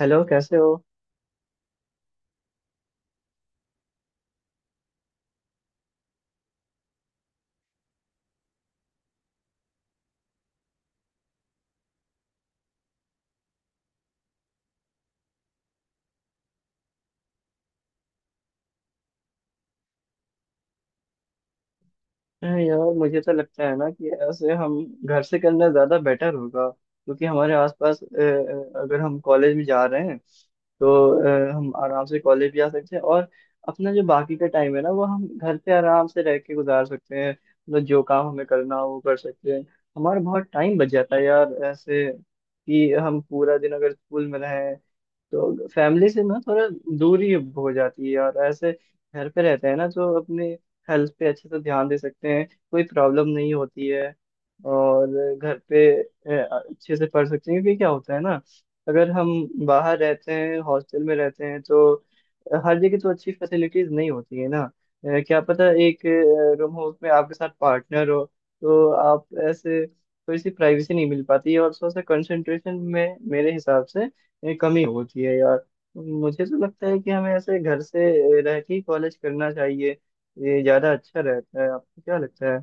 Hello, कैसे हो? अरे यार, मुझे तो लगता है ना कि ऐसे हम घर से करना ज़्यादा बेटर होगा, क्योंकि हमारे आसपास अगर हम कॉलेज में जा रहे हैं तो हम आराम से कॉलेज भी आ सकते हैं और अपना जो बाकी का टाइम है ना वो हम घर पे आराम से रह के गुजार सकते हैं। मतलब, जो काम हमें करना हो वो कर सकते हैं। हमारा बहुत टाइम बच जाता है यार ऐसे, कि हम पूरा दिन अगर स्कूल में रहें तो फैमिली से ना थोड़ा दूरी हो जाती है, और ऐसे घर पे रहते हैं ना तो अपने हेल्थ पे अच्छे से ध्यान दे सकते हैं, कोई प्रॉब्लम नहीं होती है। और घर पे अच्छे से पढ़ सकते हैं, क्योंकि क्या होता है ना अगर हम बाहर रहते हैं हॉस्टल में रहते हैं तो हर जगह तो अच्छी फैसिलिटीज नहीं होती है ना। क्या पता एक रूम हो उसमें आपके साथ पार्टनर हो तो आप ऐसे थोड़ी सी प्राइवेसी नहीं मिल पाती है, और थोड़ा सा कंसंट्रेशन में मेरे हिसाब से ये कमी होती है यार। मुझे तो लगता है कि हमें ऐसे घर से रह के ही कॉलेज करना चाहिए, ये ज्यादा अच्छा रहता है। आपको क्या लगता है?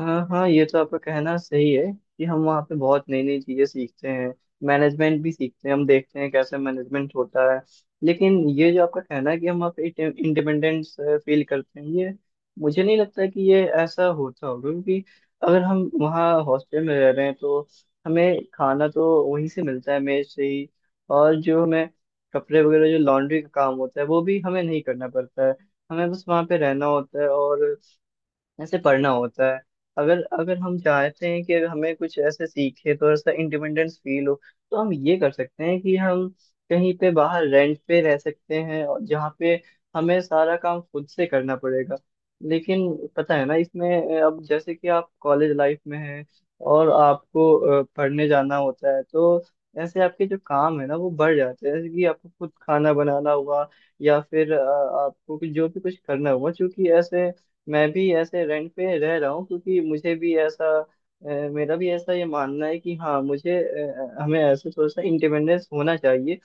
हाँ हाँ, ये तो आपका कहना सही है कि हम वहाँ पे बहुत नई नई चीजें सीखते हैं, मैनेजमेंट भी सीखते हैं, हम देखते हैं कैसे मैनेजमेंट होता है। लेकिन ये जो आपका कहना है कि हम वहाँ पे इंडिपेंडेंस फील करते हैं, ये मुझे नहीं लगता कि ये ऐसा होता होगा, क्योंकि अगर हम वहाँ हॉस्टल में रह रहे हैं तो हमें खाना तो वहीं से मिलता है, मेस से ही। और जो हमें कपड़े वगैरह जो लॉन्ड्री का काम होता है वो भी हमें नहीं करना पड़ता है। हमें बस वहाँ पे रहना होता है और ऐसे पढ़ना होता है। अगर अगर हम चाहते हैं कि अगर हमें कुछ ऐसे सीखे तो ऐसा इंडिपेंडेंस फील हो तो हम ये कर सकते हैं कि हम कहीं पे बाहर रेंट पे रह सकते हैं और जहाँ पे हमें सारा काम खुद से करना पड़ेगा। लेकिन पता है ना, इसमें अब जैसे कि आप कॉलेज लाइफ में हैं और आपको पढ़ने जाना होता है तो ऐसे आपके जो काम है ना वो बढ़ जाते हैं, जैसे कि आपको खुद खाना बनाना हुआ या फिर आपको भी जो भी कुछ करना हुआ, क्योंकि ऐसे मैं भी ऐसे रेंट पे रह रहा हूँ, क्योंकि मुझे भी ऐसा मेरा भी ऐसा ये मानना है कि हाँ हमें ऐसे थोड़ा सा इंडिपेंडेंस होना चाहिए।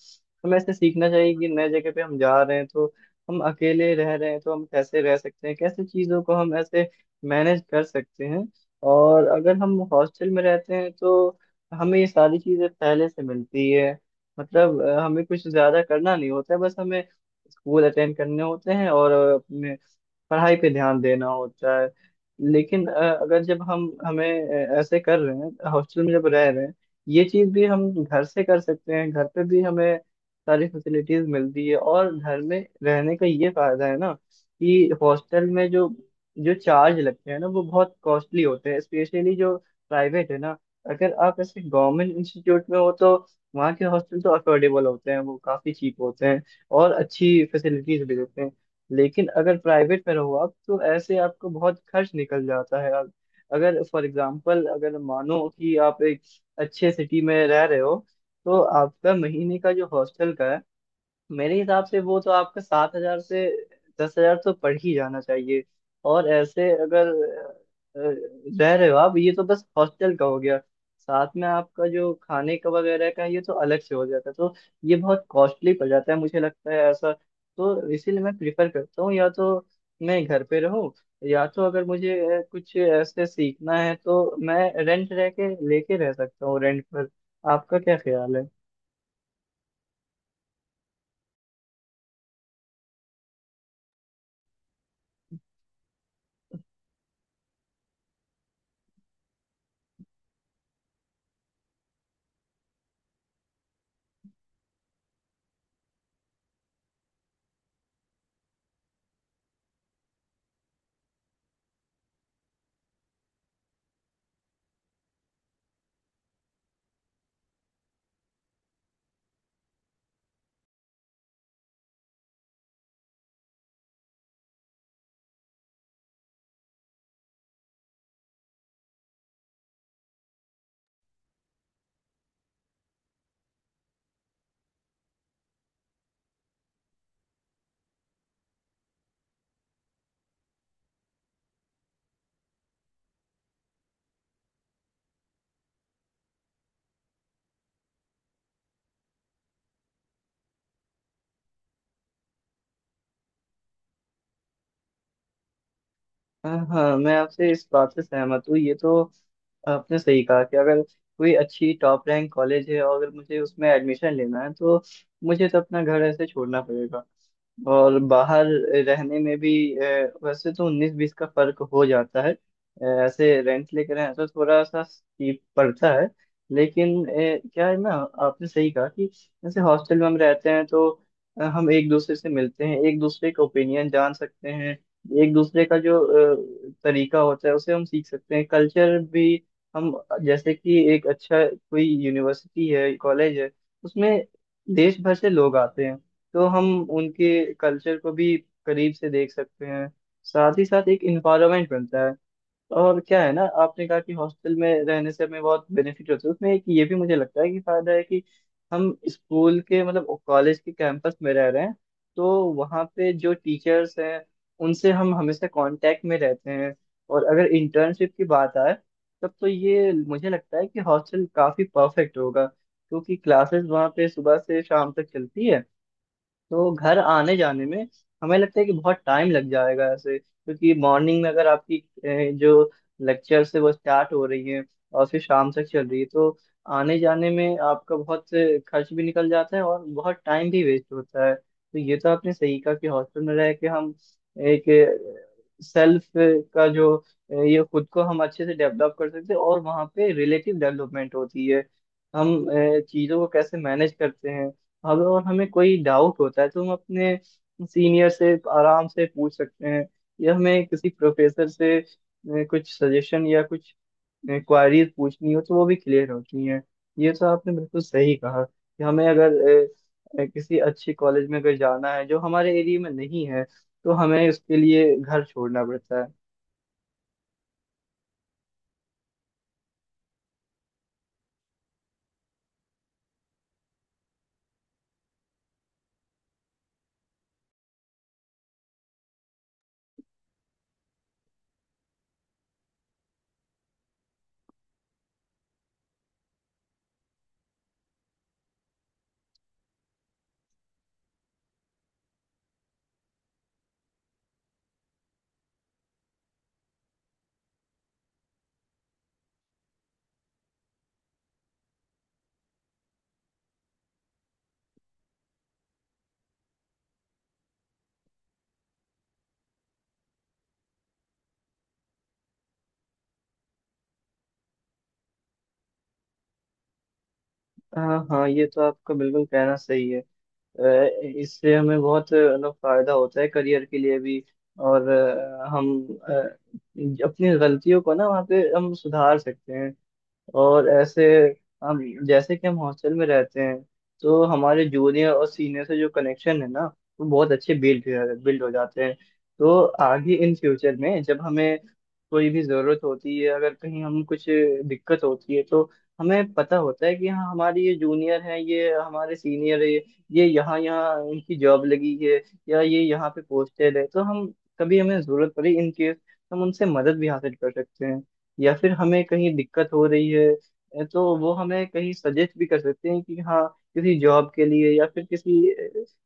हमें ऐसे सीखना चाहिए कि नए जगह पे हम जा रहे हैं तो हम अकेले रह रहे हैं तो हम कैसे रह सकते हैं, कैसे चीज़ों को हम ऐसे मैनेज कर सकते हैं। और अगर हम हॉस्टल में रहते हैं तो हमें ये सारी चीज़ें पहले से मिलती है, मतलब हमें कुछ ज़्यादा करना नहीं होता है, बस हमें स्कूल अटेंड करने होते हैं और अपने पढ़ाई पे ध्यान देना होता है। लेकिन अगर जब हम हमें ऐसे कर रहे हैं हॉस्टल में जब रह रहे हैं, ये चीज भी हम घर से कर सकते हैं, घर पे भी हमें सारी फैसिलिटीज मिलती है। और घर में रहने का ये फायदा है ना कि हॉस्टल में जो जो चार्ज लगते हैं ना वो बहुत कॉस्टली होते हैं, स्पेशली जो प्राइवेट है ना। अगर आप ऐसे गवर्नमेंट इंस्टीट्यूट में हो तो वहाँ के हॉस्टल तो अफोर्डेबल होते हैं, वो काफी चीप होते हैं और अच्छी फैसिलिटीज भी देते हैं। लेकिन अगर प्राइवेट में रहो आप तो ऐसे आपको बहुत खर्च निकल जाता है। अगर फॉर एग्जांपल, अगर मानो कि आप एक अच्छे सिटी में रह रहे हो तो आपका महीने का जो हॉस्टल का है, मेरे हिसाब से वो तो आपका 7,000 से 10,000 तो पड़ ही जाना चाहिए। और ऐसे अगर रह रहे हो आप, ये तो बस हॉस्टल का हो गया, साथ में आपका जो खाने का वगैरह का है, ये तो अलग से हो जाता है, तो ये बहुत कॉस्टली पड़ जाता है मुझे लगता है ऐसा। तो इसीलिए मैं प्रिफर करता हूँ या तो मैं घर पे रहूँ, या तो अगर मुझे कुछ ऐसे सीखना है तो मैं रेंट रह के लेके रह सकता हूँ, रेंट पर। आपका क्या ख्याल है? हाँ हाँ, मैं आपसे इस बात से सहमत हूँ, ये तो आपने सही कहा कि अगर कोई अच्छी टॉप रैंक कॉलेज है और अगर मुझे उसमें एडमिशन लेना है तो मुझे तो अपना घर ऐसे छोड़ना पड़ेगा। और बाहर रहने में भी वैसे तो उन्नीस बीस का फर्क हो जाता है, ऐसे रेंट लेकर हैं तो थोड़ा सा चीप पड़ता है। लेकिन क्या है ना, आपने सही कहा कि जैसे हॉस्टल में हम रहते हैं तो हम एक दूसरे से मिलते हैं, एक दूसरे का ओपिनियन जान सकते हैं, एक दूसरे का जो तरीका होता है उसे हम सीख सकते हैं, कल्चर भी। हम जैसे कि एक अच्छा कोई यूनिवर्सिटी है कॉलेज है, उसमें देश भर से लोग आते हैं, तो हम उनके कल्चर को भी करीब से देख सकते हैं। साथ ही साथ एक इन्वायरमेंट बनता है। और क्या है ना, आपने कहा कि हॉस्टल में रहने से हमें बहुत बेनिफिट होता है, उसमें एक ये भी मुझे लगता है कि फायदा है कि हम स्कूल के मतलब कॉलेज के कैंपस में रह रहे हैं, तो वहाँ पे जो टीचर्स हैं उनसे हम हमेशा कांटेक्ट में रहते हैं। और अगर इंटर्नशिप की बात आए तब तो ये मुझे लगता है कि हॉस्टल काफी परफेक्ट होगा, क्योंकि क्लासेस वहाँ पे सुबह से शाम तक चलती है, तो घर आने जाने में हमें लगता है कि बहुत टाइम लग जाएगा ऐसे, क्योंकि मॉर्निंग में अगर आपकी जो लेक्चर से वो स्टार्ट हो रही है और फिर शाम तक चल रही है तो आने जाने में आपका बहुत से खर्च भी निकल जाता है और बहुत टाइम भी वेस्ट होता है। तो ये तो आपने सही कहा कि हॉस्टल में रह के हम एक सेल्फ का जो ये खुद को हम अच्छे से डेवलप कर सकते हैं, और वहाँ पे रिलेटिव डेवलपमेंट होती है। हम चीज़ों को कैसे मैनेज करते हैं, अगर और हमें कोई डाउट होता है तो हम अपने सीनियर से आराम से पूछ सकते हैं। या हमें किसी प्रोफेसर से कुछ सजेशन या कुछ क्वारीज पूछनी हो तो वो भी क्लियर होती हैं। ये तो आपने बिल्कुल सही कहा कि हमें अगर किसी अच्छे कॉलेज में अगर जाना है जो हमारे एरिया में नहीं है तो हमें उसके लिए घर छोड़ना पड़ता है। हाँ हाँ, ये तो आपका बिल्कुल कहना सही है। अ, इससे हमें बहुत मतलब फायदा होता है, करियर के लिए भी। और हम अ, अपनी गलतियों को ना वहाँ पे हम सुधार सकते हैं। और ऐसे हम जैसे कि हम हॉस्टल में रहते हैं तो हमारे जूनियर और सीनियर से जो कनेक्शन है ना वो बहुत अच्छे बिल्ड बिल्ड हो जाते हैं। तो आगे इन फ्यूचर में जब हमें कोई भी ज़रूरत होती है, अगर कहीं हम कुछ दिक्कत होती है, तो हमें पता होता है कि हाँ हमारे ये जूनियर है, ये हमारे सीनियर है, ये यहाँ यहाँ इनकी जॉब लगी है या ये यहाँ पे पोस्टेड है, तो हम कभी हमें ज़रूरत पड़ी इन केस तो हम उनसे मदद भी हासिल कर सकते हैं। या फिर हमें कहीं दिक्कत हो रही है तो वो हमें कहीं सजेस्ट भी कर सकते हैं कि हाँ किसी जॉब के लिए या फिर किसी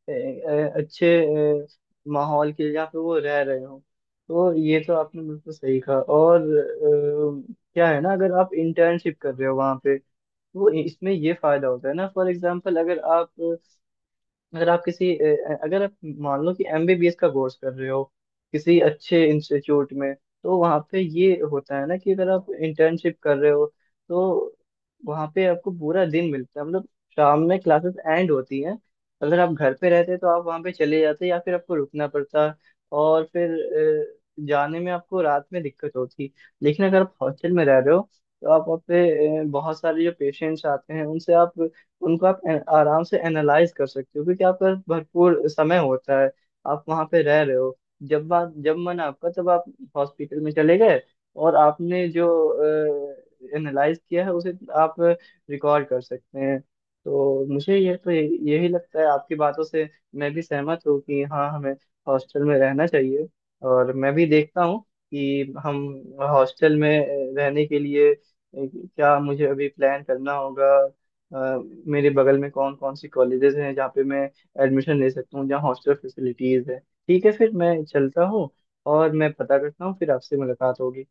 अच्छे अ, माहौल के लिए जहाँ पे वो रह रहे हो। तो ये तो आपने बिल्कुल सही कहा और क्या है ना, अगर आप इंटर्नशिप कर रहे हो वहाँ पे तो इसमें ये फायदा होता है ना। फॉर एग्जाम्पल, अगर आप मान लो कि एमबीबीएस का कोर्स कर रहे हो किसी अच्छे इंस्टीट्यूट में, तो वहाँ पे ये होता है ना कि अगर आप इंटर्नशिप कर रहे हो तो वहाँ पे आपको पूरा दिन मिलता है, मतलब शाम में क्लासेस एंड होती हैं। अगर आप घर पे रहते तो आप वहाँ पे चले जाते या फिर आपको रुकना पड़ता और फिर जाने में आपको रात में दिक्कत होती। लेकिन अगर आप हॉस्टल में रह रहे हो तो आप वहाँ पे बहुत सारे जो पेशेंट्स आते हैं उनसे आप उनको आप आराम से एनालाइज कर सकते हो, क्योंकि आपका भरपूर समय होता है। आप वहां पे रह रहे हो, जब मन आपका तब आप हॉस्पिटल में चले गए, और आपने जो एनालाइज किया है उसे आप रिकॉर्ड कर सकते हैं। तो मुझे यही लगता है आपकी बातों से, मैं भी सहमत हूँ कि हाँ हमें हॉस्टल में रहना चाहिए। और मैं भी देखता हूँ कि हम हॉस्टल में रहने के लिए क्या मुझे अभी प्लान करना होगा, अ, मेरे बगल में कौन कौन सी कॉलेजेस हैं जहाँ पे मैं एडमिशन ले सकता हूँ जहाँ हॉस्टल फैसिलिटीज है। ठीक है, फिर मैं चलता हूँ और मैं पता करता हूँ, फिर आपसे मुलाकात होगी।